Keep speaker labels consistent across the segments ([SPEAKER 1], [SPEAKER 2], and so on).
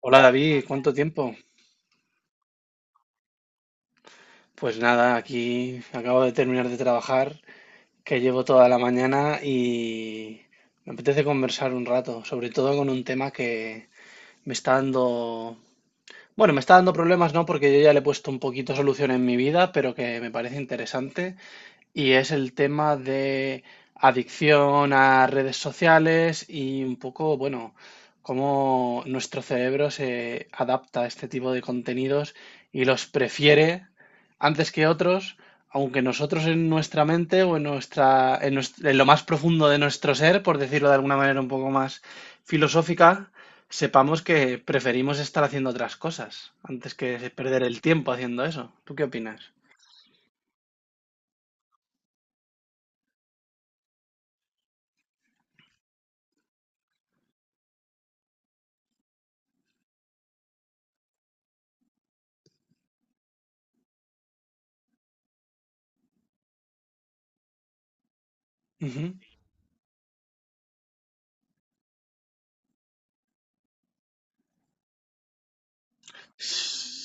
[SPEAKER 1] Hola David, ¿cuánto tiempo? Pues nada, aquí acabo de terminar de trabajar, que llevo toda la mañana y me apetece conversar un rato, sobre todo con un tema que me está dando, bueno, me está dando problemas, ¿no? Porque yo ya le he puesto un poquito solución en mi vida, pero que me parece interesante. Y es el tema de adicción a redes sociales y un poco, bueno, cómo nuestro cerebro se adapta a este tipo de contenidos y los prefiere antes que otros, aunque nosotros en nuestra mente o en lo más profundo de nuestro ser, por decirlo de alguna manera un poco más filosófica, sepamos que preferimos estar haciendo otras cosas antes que perder el tiempo haciendo eso. ¿Tú qué opinas? Ujú.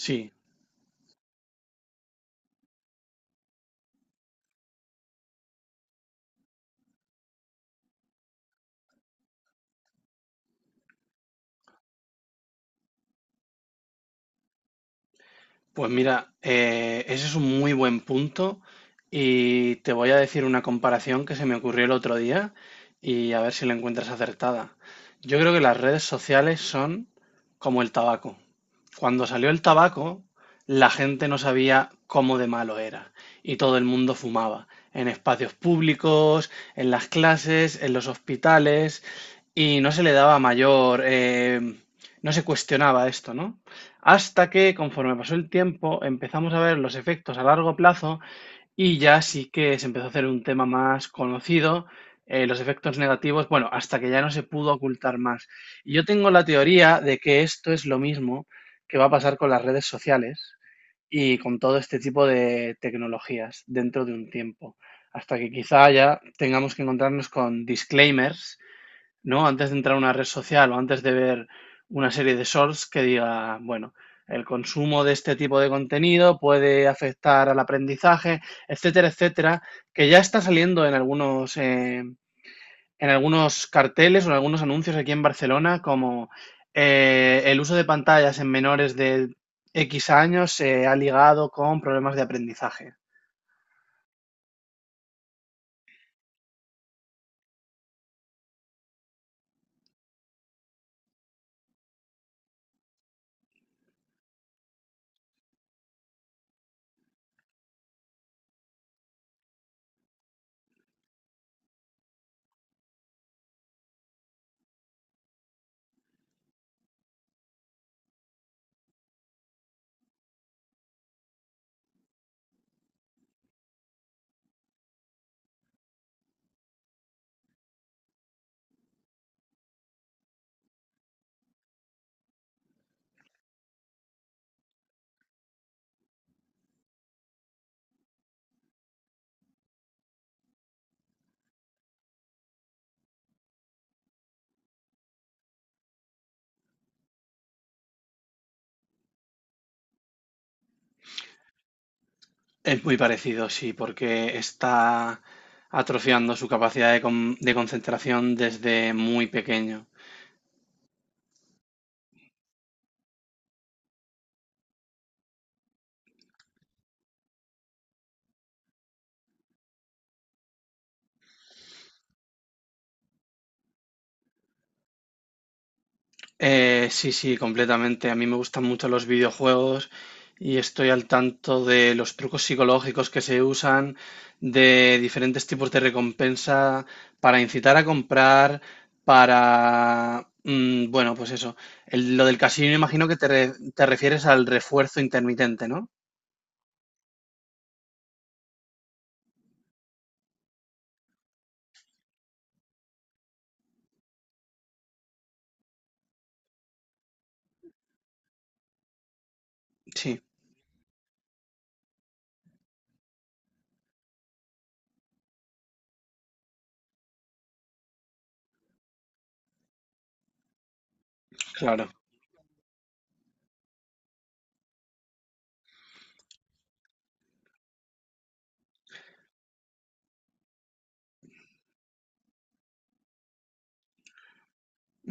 [SPEAKER 1] Sí. Pues mira, ese es un muy buen punto y te voy a decir una comparación que se me ocurrió el otro día y a ver si la encuentras acertada. Yo creo que las redes sociales son como el tabaco. Cuando salió el tabaco, la gente no sabía cómo de malo era y todo el mundo fumaba, en espacios públicos, en las clases, en los hospitales y no se le daba mayor, no se cuestionaba esto, ¿no? Hasta que, conforme pasó el tiempo, empezamos a ver los efectos a largo plazo y ya sí que se empezó a hacer un tema más conocido, los efectos negativos, bueno, hasta que ya no se pudo ocultar más. Y yo tengo la teoría de que esto es lo mismo que va a pasar con las redes sociales y con todo este tipo de tecnologías dentro de un tiempo, hasta que quizá ya tengamos que encontrarnos con disclaimers, ¿no? Antes de entrar a una red social o antes de ver una serie de shorts que diga, bueno, el consumo de este tipo de contenido puede afectar al aprendizaje, etcétera, etcétera, que ya está saliendo en algunos, en algunos carteles o en algunos anuncios aquí en Barcelona, como el uso de pantallas en menores de X años se ha ligado con problemas de aprendizaje. Es muy parecido, sí, porque está atrofiando su capacidad de concentración desde muy pequeño. Sí, sí, completamente. A mí me gustan mucho los videojuegos y estoy al tanto de los trucos psicológicos que se usan, de diferentes tipos de recompensa para incitar a comprar, bueno, pues eso. Lo del casino, imagino que te refieres al refuerzo intermitente, ¿no? Sí, claro.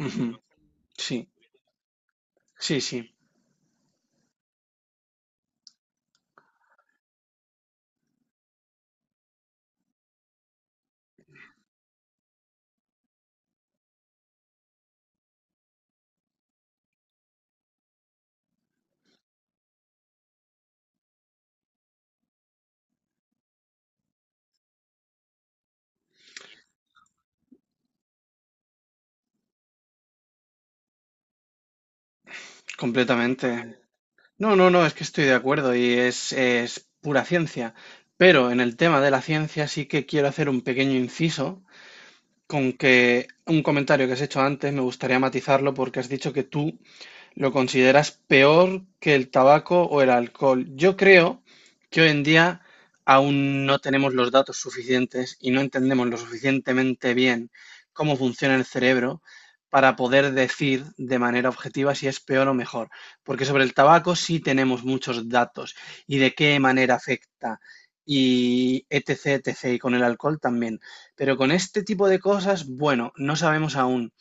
[SPEAKER 1] Ujú, sí. Sí, sí, completamente. No, no, no, es que estoy de acuerdo y es pura ciencia. Pero en el tema de la ciencia sí que quiero hacer un pequeño inciso con que un comentario que has hecho antes me gustaría matizarlo porque has dicho que tú lo consideras peor que el tabaco o el alcohol. Yo creo que hoy en día aún no tenemos los datos suficientes y no entendemos lo suficientemente bien cómo funciona el cerebro para poder decir de manera objetiva si es peor o mejor. Porque sobre el tabaco sí tenemos muchos datos y de qué manera afecta y etc, etc. Y con el alcohol también. Pero con este tipo de cosas, bueno, no sabemos aún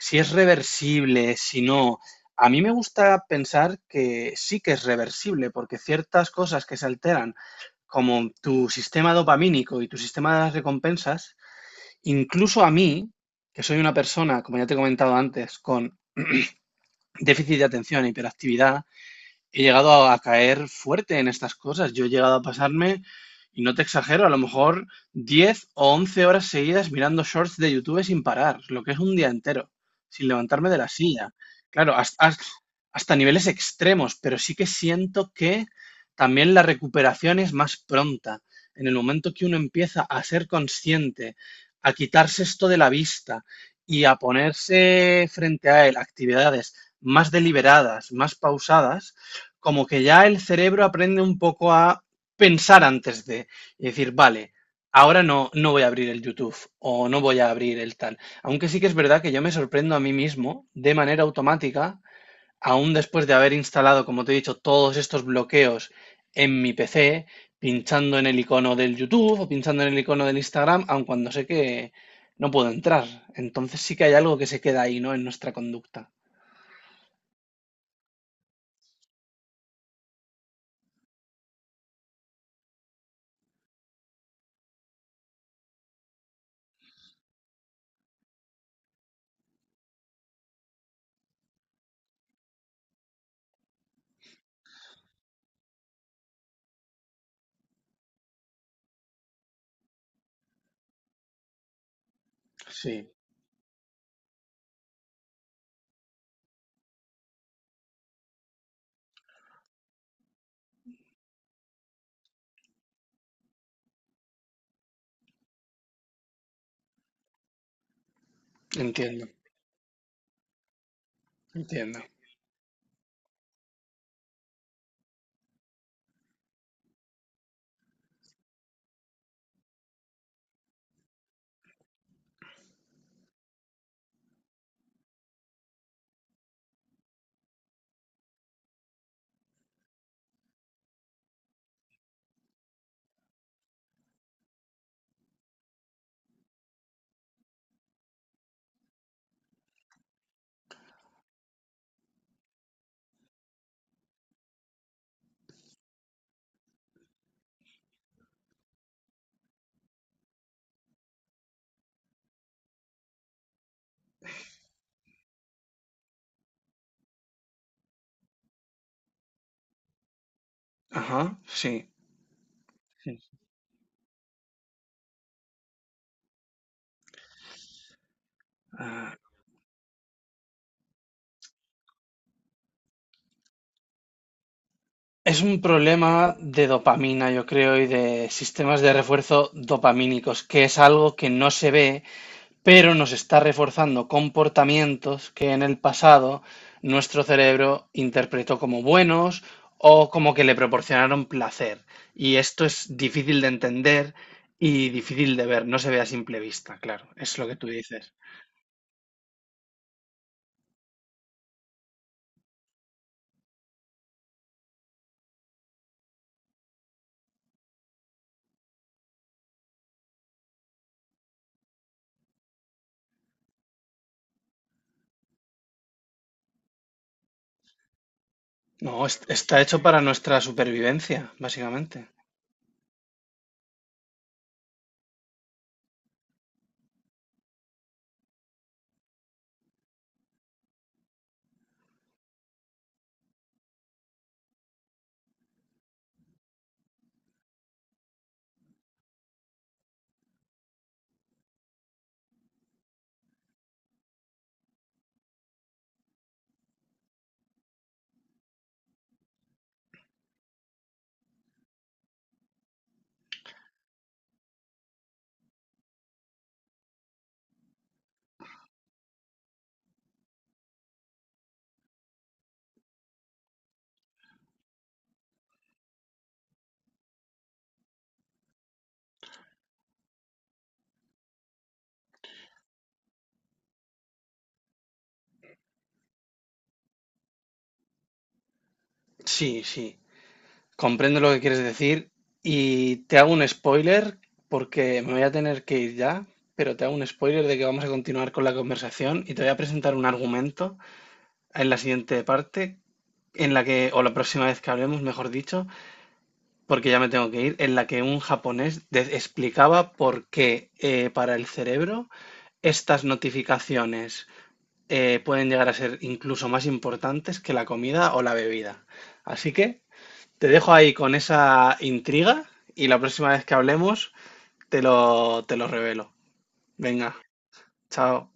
[SPEAKER 1] si es reversible, si no, a mí me gusta pensar que sí que es reversible, porque ciertas cosas que se alteran, como tu sistema dopamínico y tu sistema de las recompensas, incluso a mí, que soy una persona, como ya te he comentado antes, con déficit de atención e hiperactividad, he llegado a caer fuerte en estas cosas. Yo he llegado a pasarme, y no te exagero, a lo mejor 10 u 11 horas seguidas mirando shorts de YouTube sin parar, lo que es un día entero, sin levantarme de la silla. Claro, hasta niveles extremos, pero sí que siento que también la recuperación es más pronta. En el momento que uno empieza a ser consciente, a quitarse esto de la vista y a ponerse frente a él actividades más deliberadas, más pausadas, como que ya el cerebro aprende un poco a pensar antes de y decir, vale, ahora no, no voy a abrir el YouTube o no voy a abrir el tal. Aunque sí que es verdad que yo me sorprendo a mí mismo de manera automática, aún después de haber instalado, como te he dicho, todos estos bloqueos en mi PC, pinchando en el icono del YouTube o pinchando en el icono del Instagram, aun cuando sé que no puedo entrar. Entonces sí que hay algo que se queda ahí, ¿no? En nuestra conducta. Sí, entiendo, entiendo. Ajá, sí. Ah, es un problema de dopamina, yo creo, y de sistemas de refuerzo dopamínicos, que es algo que no se ve, pero nos está reforzando comportamientos que en el pasado nuestro cerebro interpretó como buenos o como que le proporcionaron placer. Y esto es difícil de entender y difícil de ver, no se ve a simple vista, claro, es lo que tú dices. No, está hecho para nuestra supervivencia, básicamente. Sí, sí. Comprendo lo que quieres decir y te hago un spoiler porque me voy a tener que ir ya, pero te hago un spoiler de que vamos a continuar con la conversación y te voy a presentar un argumento en la siguiente parte, en la que, o la próxima vez que hablemos, mejor dicho, porque ya me tengo que ir, en la que un japonés explicaba por qué para el cerebro estas notificaciones pueden llegar a ser incluso más importantes que la comida o la bebida. Así que te dejo ahí con esa intriga y la próxima vez que hablemos te lo revelo. Venga, chao.